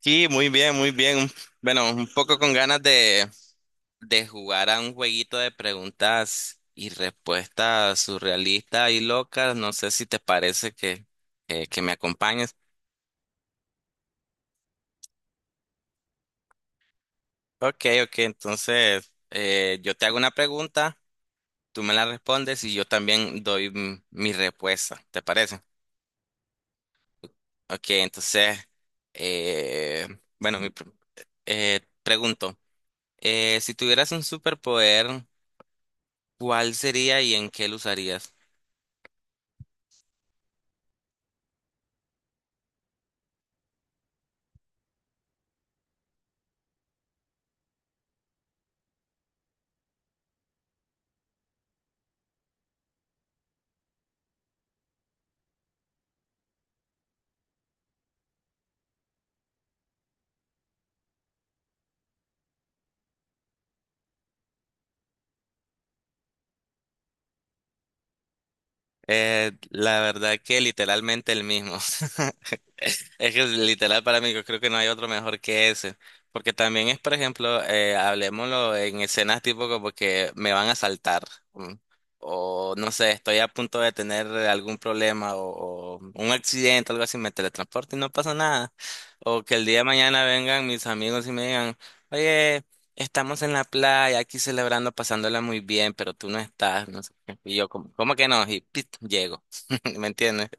Sí, muy bien, muy bien. Bueno, un poco con ganas de jugar a un jueguito de preguntas y respuestas surrealistas y locas. No sé si te parece que me acompañes. Ok, ok, entonces yo te hago una pregunta, tú me la respondes y yo también doy mi respuesta. ¿Te parece? Ok, entonces, eh, bueno, pregunto, si tuvieras un superpoder, ¿cuál sería y en qué lo usarías? La verdad que literalmente el mismo. Es que literal para mí, yo creo que no hay otro mejor que ese. Porque también es, por ejemplo, hablemoslo en escenas tipo como que me van a saltar. O no sé, estoy a punto de tener algún problema o un accidente, algo así, me teletransporto y no pasa nada. O que el día de mañana vengan mis amigos y me digan, oye, estamos en la playa aquí celebrando, pasándola muy bien, pero tú no estás. ¿No? Y yo, como, ¿cómo que no? Y pit, llego. ¿Me entiendes?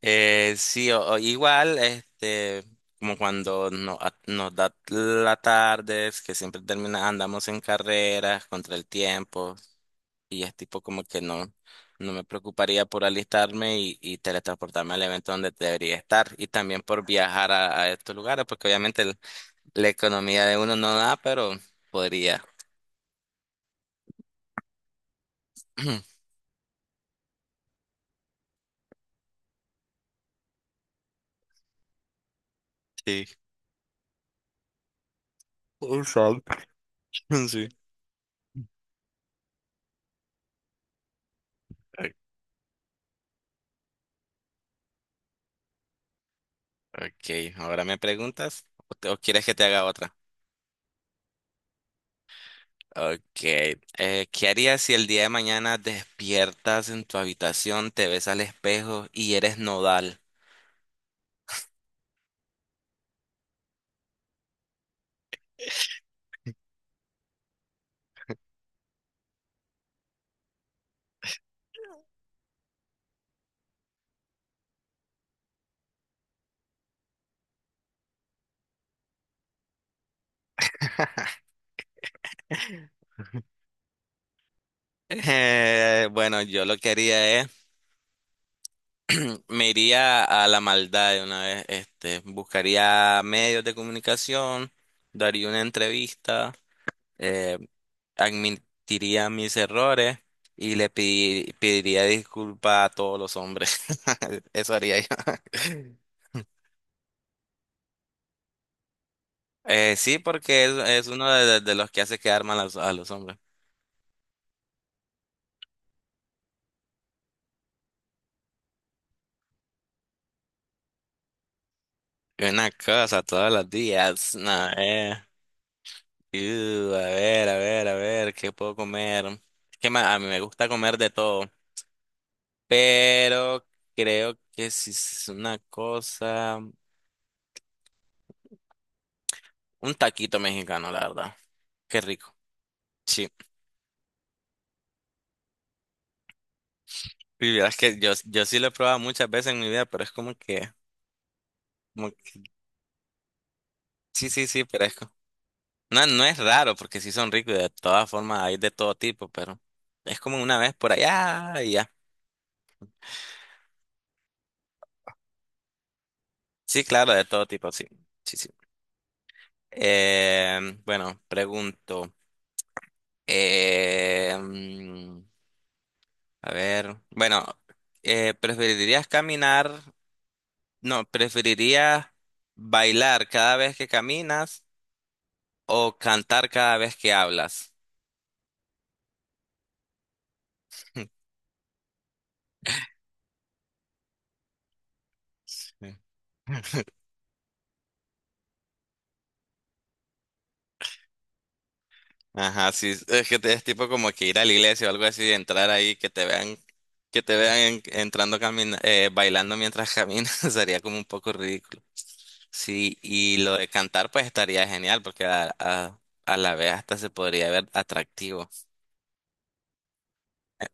Sí, o igual, este, como cuando no, nos da la tarde, es que siempre termina, andamos en carreras contra el tiempo, y es tipo como que no, no me preocuparía por alistarme y teletransportarme al evento donde debería estar, y también por viajar a estos lugares, porque obviamente la economía de uno no da, pero podría. Sí. Exacto. Sí. Ok, ahora me preguntas, o quieres que te haga otra. Ok, ¿qué harías si el día de mañana despiertas en tu habitación, te ves al espejo y eres nodal? Bueno, yo lo que haría es, me iría a la maldad de una vez, este, buscaría medios de comunicación, daría una entrevista, eh, admitiría mis errores y pediría disculpas a todos los hombres. Eso haría yo. Sí, porque es uno de los que hace quedar mal a a los hombres. Y una cosa todos los días. No, eh. A ver, a ver, a ver, ¿qué puedo comer? Es que a mí me gusta comer de todo, pero creo que si es una cosa, un taquito mexicano, la verdad. Qué rico. Sí. Y verás que yo sí lo he probado muchas veces en mi vida, pero es como que, como que- sí, sí, pero es No, no es raro porque sí son ricos y de todas formas hay de todo tipo, pero es como una vez por allá y ya. Sí, claro, de todo tipo, sí. Sí, sí. Bueno, pregunto. eh, mm, a ver, bueno, ¿preferirías caminar? No, ¿preferirías bailar cada vez que caminas o cantar cada vez que hablas? Sí. Ajá, sí, es que es tipo como que ir a la iglesia o algo así, entrar ahí, que te vean, entrando camina, bailando mientras caminas, sería como un poco ridículo. Sí, y lo de cantar pues estaría genial porque a la vez hasta se podría ver atractivo. Eh,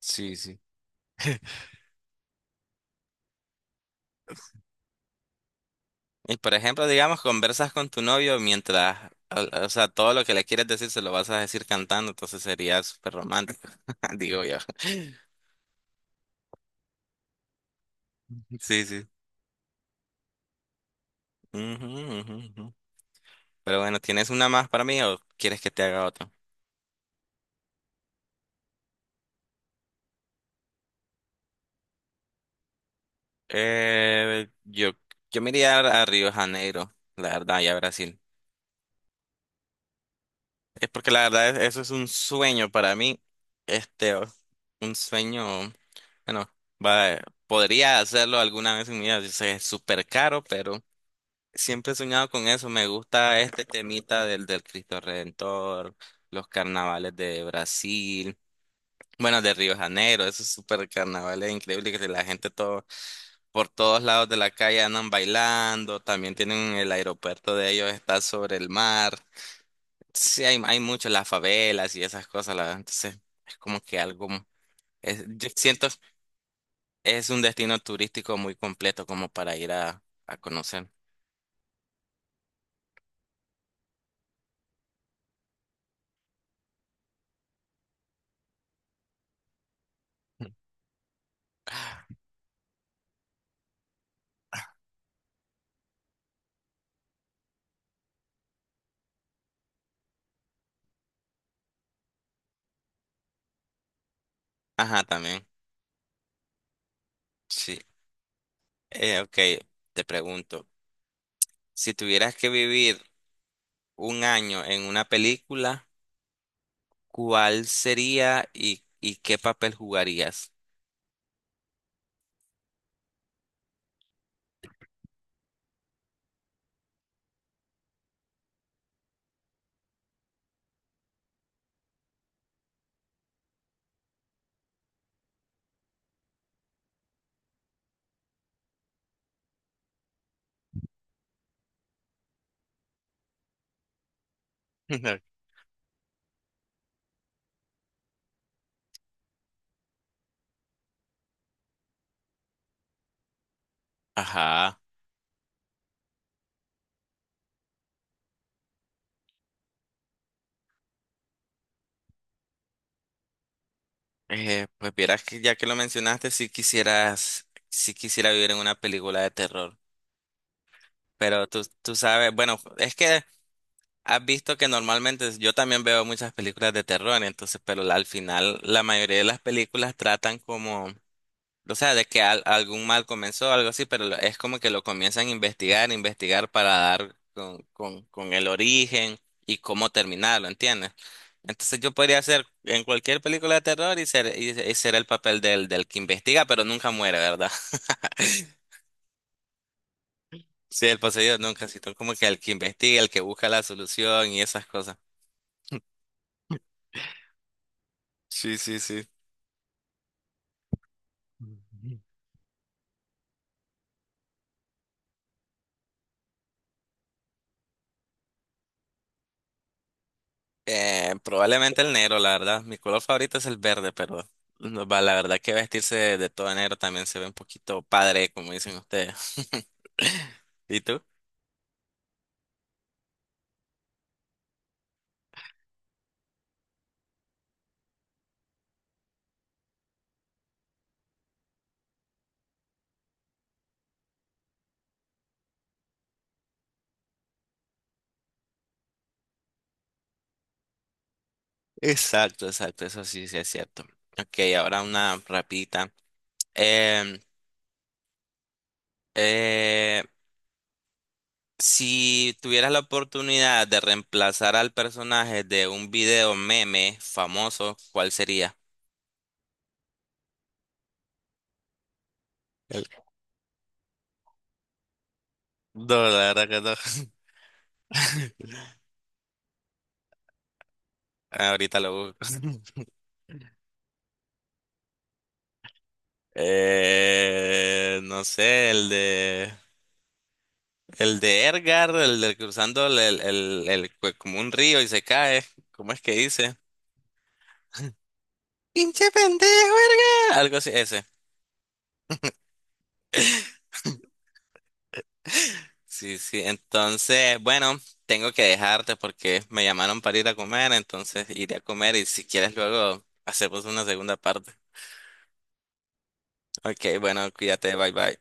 Sí, sí. Y por ejemplo, digamos, conversas con tu novio mientras, o sea, todo lo que le quieres decir se lo vas a decir cantando, entonces sería súper romántico, digo yo. Sí, sí. Ujú, ujú, ujú. Pero bueno, ¿tienes una más para mí o quieres que te haga otra? Eh, yo, yo me iría a Río de Janeiro, la verdad, y a Brasil. Es porque la verdad eso es un sueño para mí. Este, un sueño, bueno, va- podría hacerlo alguna vez en mi vida. Yo sé, es súper caro, pero siempre he soñado con eso. Me gusta este temita del Cristo Redentor, los carnavales de Brasil. Bueno, de Río de Janeiro, esos super carnavales increíbles que la gente todo por todos lados de la calle andan bailando, también tienen el aeropuerto de ellos, está sobre el mar. Sí, hay mucho las favelas y esas cosas, la verdad. Entonces, es como que algo, es, yo siento, es un destino turístico muy completo como para ir a conocer. Ajá, también. Sí. Ok, te pregunto, si tuvieras que vivir un año en una película, ¿cuál sería y qué papel jugarías? Ajá. Pues vieras que ya que lo mencionaste, si quisieras, si quisiera vivir en una película de terror. Pero tú sabes, bueno, es que has visto que normalmente yo también veo muchas películas de terror, entonces, pero al final la mayoría de las películas tratan como o sea, de que algún mal comenzó, algo así, pero es como que lo comienzan a investigar, investigar para dar con, con el origen y cómo terminarlo, ¿entiendes? Entonces yo podría ser en cualquier película de terror y ser, y ser el papel del, del que investiga, pero nunca muere, ¿verdad? Sí, el poseído nunca, sino como que el que investiga, el que busca la solución y esas cosas. Sí, sí, sí. Probablemente el negro, la verdad. Mi color favorito es el verde, pero no va, la verdad que vestirse de todo de negro también se ve un poquito padre, como dicen ustedes. ¿Y tú? Exacto, exacto, eso sí, sí es cierto. Ok, ahora una rapidita. Em, eh, si tuvieras la oportunidad de reemplazar al personaje de un video meme famoso, ¿cuál sería? El- No, la verdad que no. Ahorita lo busco. No sé, el de Ergar, el del cruzando pues, como un río y se cae. ¿Cómo es que dice? ¡Pinche pendejo, Ergar! Algo así, ese. Sí, sí. Entonces, bueno, tengo que dejarte porque me llamaron para ir a comer, entonces iré a comer y si quieres luego hacemos una segunda parte. Ok, bueno, cuídate, bye bye.